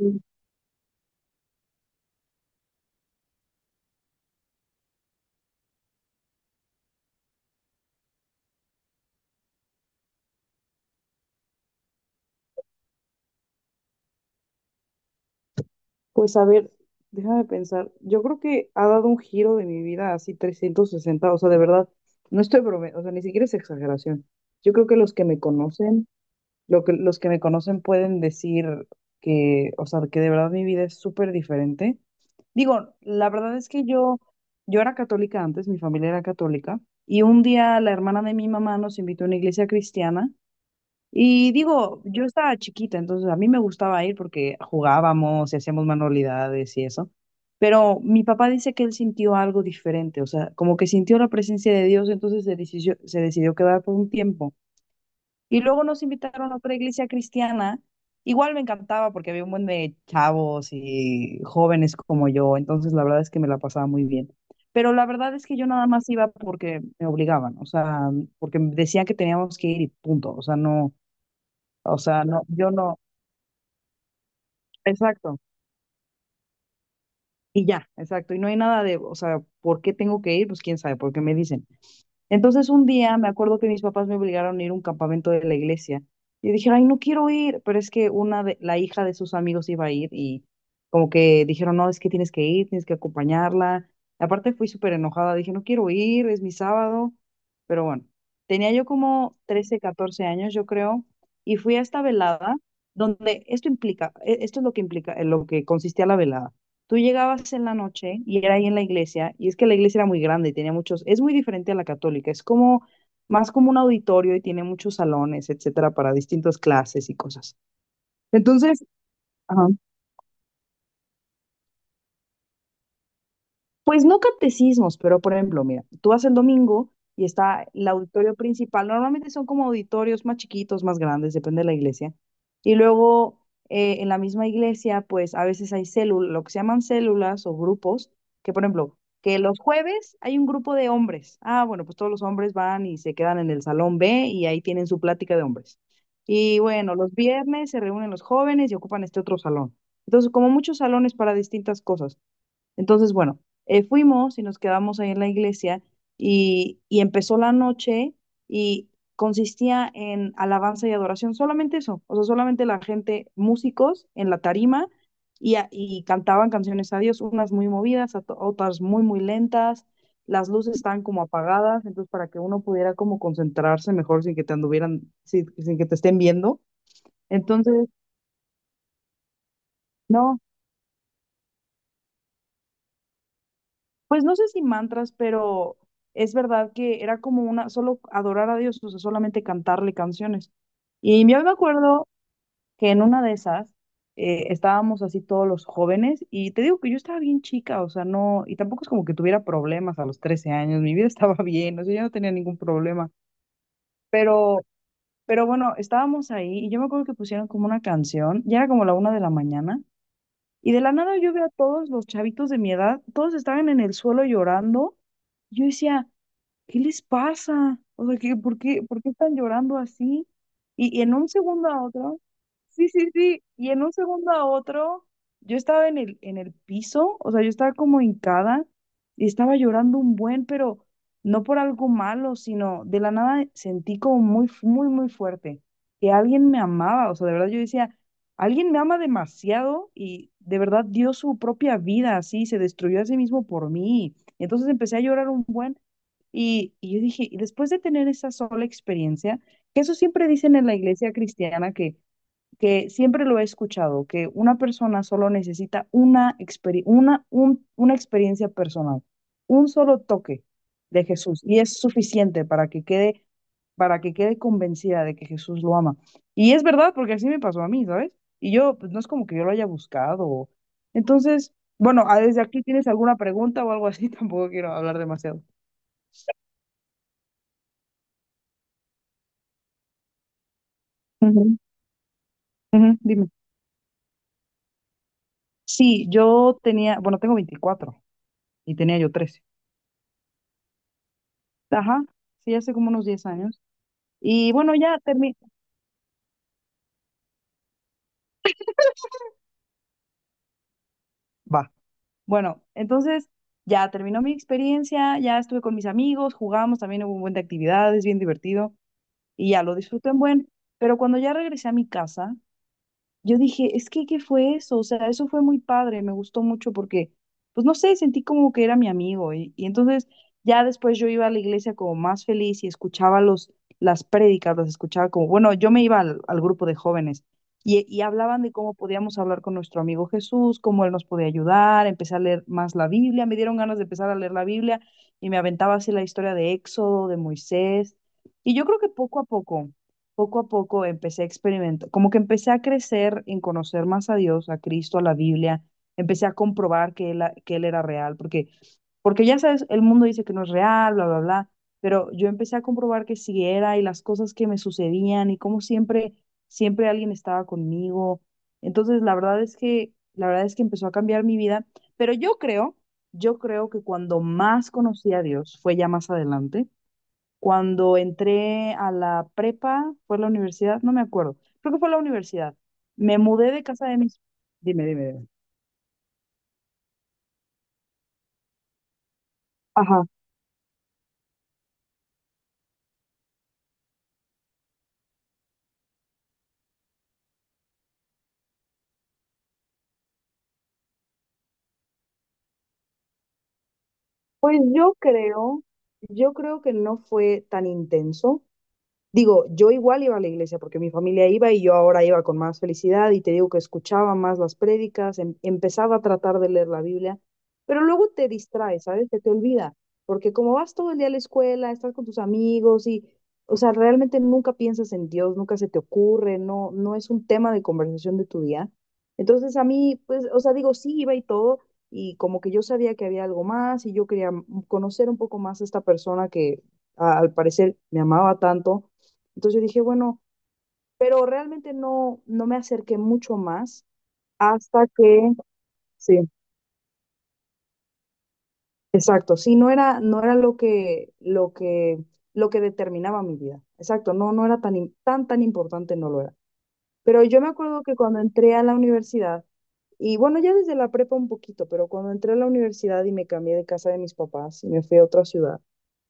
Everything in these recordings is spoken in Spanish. Mm. Pues a ver, déjame pensar. Yo creo que ha dado un giro de mi vida así 360, o sea, de verdad, no estoy bromeando, o sea, ni siquiera es exageración. Yo creo que los que me conocen, los que me conocen pueden decir que, o sea, que de verdad mi vida es súper diferente. Digo, la verdad es que yo era católica antes, mi familia era católica, y un día la hermana de mi mamá nos invitó a una iglesia cristiana. Y digo, yo estaba chiquita, entonces a mí me gustaba ir porque jugábamos y hacíamos manualidades y eso. Pero mi papá dice que él sintió algo diferente, o sea, como que sintió la presencia de Dios, entonces se decidió quedar por un tiempo. Y luego nos invitaron a otra iglesia cristiana. Igual me encantaba porque había un buen de chavos y jóvenes como yo, entonces la verdad es que me la pasaba muy bien. Pero la verdad es que yo nada más iba porque me obligaban, o sea, porque decían que teníamos que ir y punto, o sea, no. O sea, no, yo no, exacto. Y ya, exacto. Y no hay nada de, o sea, ¿por qué tengo que ir? Pues quién sabe, porque me dicen. Entonces un día me acuerdo que mis papás me obligaron a ir a un campamento de la iglesia. Y dije, ay, no quiero ir, pero es que la hija de sus amigos iba a ir y como que dijeron, no, es que tienes que ir, tienes que acompañarla. Aparte fui súper enojada, dije, no quiero ir, es mi sábado, pero bueno, tenía yo como 13 14 años, yo creo, y fui a esta velada donde esto es lo que implica, en lo que consistía la velada. Tú llegabas en la noche y era ahí en la iglesia, y es que la iglesia era muy grande y tenía muchos, es muy diferente a la católica, es como más como un auditorio y tiene muchos salones, etcétera, para distintas clases y cosas. Entonces, ajá. Pues no catecismos, pero por ejemplo, mira, tú vas el domingo y está el auditorio principal. Normalmente son como auditorios más chiquitos, más grandes, depende de la iglesia. Y luego en la misma iglesia, pues a veces hay células, lo que se llaman células o grupos, que por ejemplo, que los jueves hay un grupo de hombres. Ah, bueno, pues todos los hombres van y se quedan en el salón B y ahí tienen su plática de hombres. Y bueno, los viernes se reúnen los jóvenes y ocupan este otro salón. Entonces, como muchos salones para distintas cosas. Entonces, bueno, fuimos y nos quedamos ahí en la iglesia y, empezó la noche y consistía en alabanza y adoración, solamente eso, o sea, solamente la gente, músicos en la tarima y cantaban canciones a Dios, unas muy movidas, otras muy, muy lentas, las luces estaban como apagadas, entonces para que uno pudiera como concentrarse mejor sin que te anduvieran, sin que te estén viendo. Entonces... No, pues no sé si mantras, pero es verdad que era como una, solo adorar a Dios, o sea, solamente cantarle canciones. Y yo me acuerdo que en una de esas estábamos así todos los jóvenes y te digo que yo estaba bien chica, o sea, no, y tampoco es como que tuviera problemas a los 13 años, mi vida estaba bien, o sea, yo no tenía ningún problema, pero, pero bueno, estábamos ahí y yo me acuerdo que pusieron como una canción, ya era como la una de la mañana y de la nada yo veo a todos los chavitos de mi edad, todos estaban en el suelo llorando. Yo decía, ¿qué les pasa? O sea, ¿qué? ¿Por qué, por qué están llorando así? Y en un segundo a otro, sí, sí, sí, y en un segundo a otro, yo estaba en en el piso, o sea, yo estaba como hincada y estaba llorando un buen, pero no por algo malo, sino de la nada sentí como muy, muy fuerte que alguien me amaba, o sea, de verdad yo decía, alguien me ama demasiado y de verdad dio su propia vida así, se destruyó a sí mismo por mí. Entonces empecé a llorar un buen. Y yo dije, y después de tener esa sola experiencia, que eso siempre dicen en la iglesia cristiana, que siempre lo he escuchado, que una persona solo necesita una experiencia personal, un solo toque de Jesús, y es suficiente para que quede convencida de que Jesús lo ama. Y es verdad, porque así me pasó a mí, ¿sabes? Y yo, pues no es como que yo lo haya buscado. O- Entonces, bueno, ah, desde aquí tienes alguna pregunta o algo así, tampoco quiero hablar demasiado. Ujú. Ujú, dime. Sí, yo tenía, bueno, tengo 24 y tenía yo 13. Ajá, sí, hace como unos 10 años. Y bueno, ya terminé. Va. Bueno, entonces ya terminó mi experiencia, ya estuve con mis amigos, jugamos, también hubo un buen de actividades, bien divertido y ya lo disfruté en buen. Pero cuando ya regresé a mi casa, yo dije, es que, ¿qué fue eso? O sea, eso fue muy padre, me gustó mucho porque, pues no sé, sentí como que era mi amigo. Y entonces ya después yo iba a la iglesia como más feliz y escuchaba las prédicas, las escuchaba como, bueno, yo me iba al grupo de jóvenes y, hablaban de cómo podíamos hablar con nuestro amigo Jesús, cómo él nos podía ayudar, empecé a leer más la Biblia, me dieron ganas de empezar a leer la Biblia y me aventaba así la historia de Éxodo, de Moisés. Y yo creo que poco a poco empecé a experimentar, como que empecé a crecer en conocer más a Dios, a Cristo, a la Biblia, empecé a comprobar que él era real, porque, porque ya sabes, el mundo dice que no es real, bla, bla, bla, pero yo empecé a comprobar que sí era y las cosas que me sucedían y cómo siempre, siempre alguien estaba conmigo. Entonces, la verdad es que empezó a cambiar mi vida, pero yo creo que cuando más conocí a Dios fue ya más adelante cuando entré a la prepa, fue la universidad, no me acuerdo. Creo que fue la universidad. Me mudé de casa de mis... Dime, dime, dime. Ajá. Pues yo creo, yo creo que no fue tan intenso. Digo, yo igual iba a la iglesia porque mi familia iba y yo ahora iba con más felicidad y te digo que escuchaba más las prédicas, empezaba a tratar de leer la Biblia, pero luego te distrae, ¿sabes? Se te olvida, porque como vas todo el día a la escuela, estás con tus amigos y, o sea, realmente nunca piensas en Dios, nunca se te ocurre, no, no es un tema de conversación de tu día. Entonces a mí, pues, o sea, digo, sí iba y todo y como que yo sabía que había algo más y yo quería conocer un poco más a esta persona que al parecer me amaba tanto, entonces yo dije, bueno, pero realmente no, no me acerqué mucho más hasta que, sí, exacto, sí, no era lo que, lo que determinaba mi vida. Exacto, no, no era tan, tan importante, no lo era. Pero yo me acuerdo que cuando entré a la universidad, y bueno, ya desde la prepa un poquito, pero cuando entré a la universidad y me cambié de casa de mis papás y me fui a otra ciudad,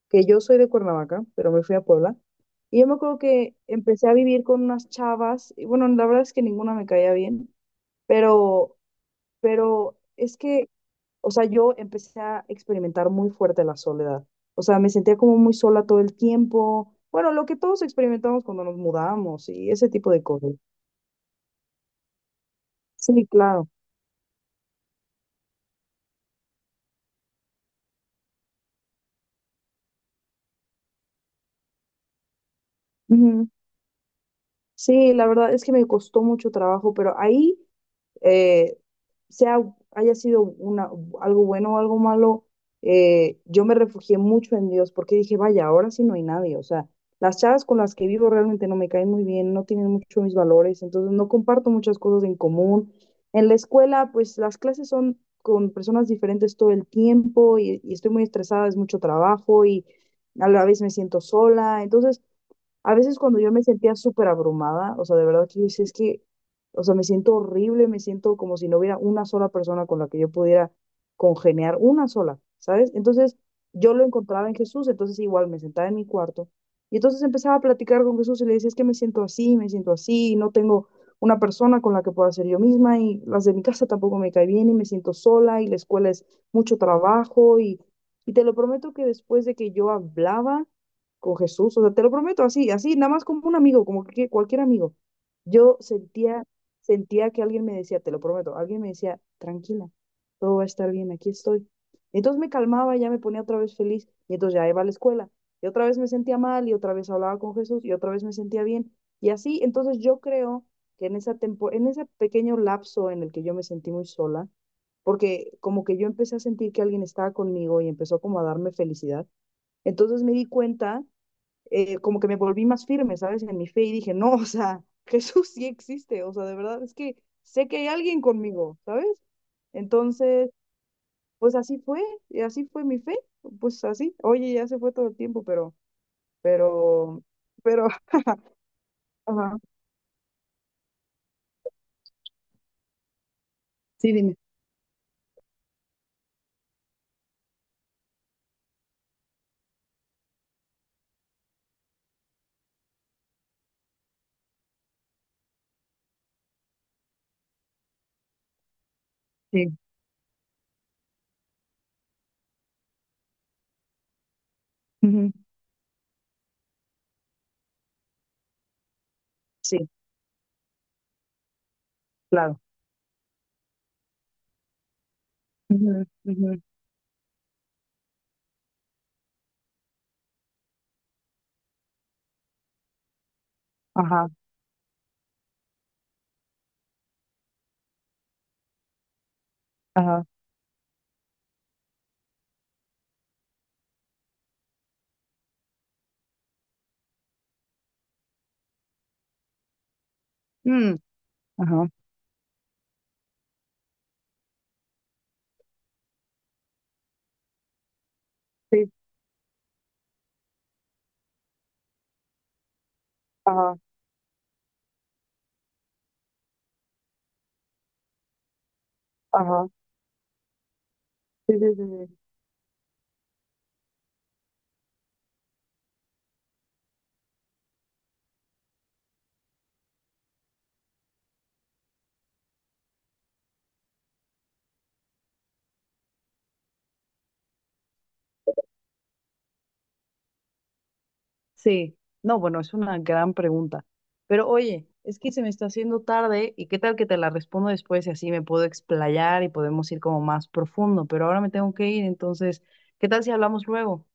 que yo soy de Cuernavaca, pero me fui a Puebla. Y yo me acuerdo que empecé a vivir con unas chavas, y bueno, la verdad es que ninguna me caía bien, pero, pero es que, o sea, yo empecé a experimentar muy fuerte la soledad. O sea, me sentía como muy sola todo el tiempo. Bueno, lo que todos experimentamos cuando nos mudamos y ese tipo de cosas. Sí, claro. Ujú. Sí, la verdad es que me costó mucho trabajo, pero ahí eh, sea, haya sido una, algo bueno o algo malo, yo me refugié mucho en Dios porque dije, vaya, ahora sí no hay nadie. O sea, las chavas con las que vivo realmente no me caen muy bien, no tienen mucho mis valores, entonces no comparto muchas cosas en común. En la escuela, pues las clases son con personas diferentes todo el tiempo y, estoy muy estresada, es mucho trabajo y a la vez me siento sola. Entonces, a veces cuando yo me sentía súper abrumada, o sea, de verdad que yo decía, es que, o sea, me siento horrible, me siento como si no hubiera una sola persona con la que yo pudiera congeniar, una sola, ¿sabes? Entonces yo lo encontraba en Jesús, entonces igual me sentaba en mi cuarto y entonces empezaba a platicar con Jesús y le decía, es que me siento así, no tengo una persona con la que pueda ser yo misma y las de mi casa tampoco me cae bien y me siento sola y la escuela es mucho trabajo y, te lo prometo que después de que yo hablaba con Jesús, o sea, te lo prometo, así, así, nada más como un amigo, como que cualquier amigo. Yo sentía, sentía que alguien me decía, te lo prometo, alguien me decía, tranquila, todo va a estar bien, aquí estoy. Entonces me calmaba, y ya me ponía otra vez feliz, y entonces ya iba a la escuela, y otra vez me sentía mal, y otra vez hablaba con Jesús, y otra vez me sentía bien, y así, entonces yo creo que en en ese pequeño lapso en el que yo me sentí muy sola, porque como que yo empecé a sentir que alguien estaba conmigo y empezó como a darme felicidad, entonces me di cuenta como que me volví más firme, ¿sabes? En mi fe y dije, no, o sea, Jesús sí existe, o sea, de verdad es que sé que hay alguien conmigo, ¿sabes? Entonces, pues así fue, y así fue mi fe, pues así, oye, ya se fue todo el tiempo, pero, pero, ajá, sí, dime. Sí. Ujú. Sí, claro. Ujú, ujú. Ajá, ajá. Mm, ajá. Sí, ajá, ajá, sí, sí, sí, sí. Sí, no, bueno, es una gran pregunta. Pero oye, es que se me está haciendo tarde y qué tal que te la respondo después y así me puedo explayar y podemos ir como más profundo. Pero ahora me tengo que ir, entonces, ¿qué tal si hablamos luego?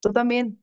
Tú también.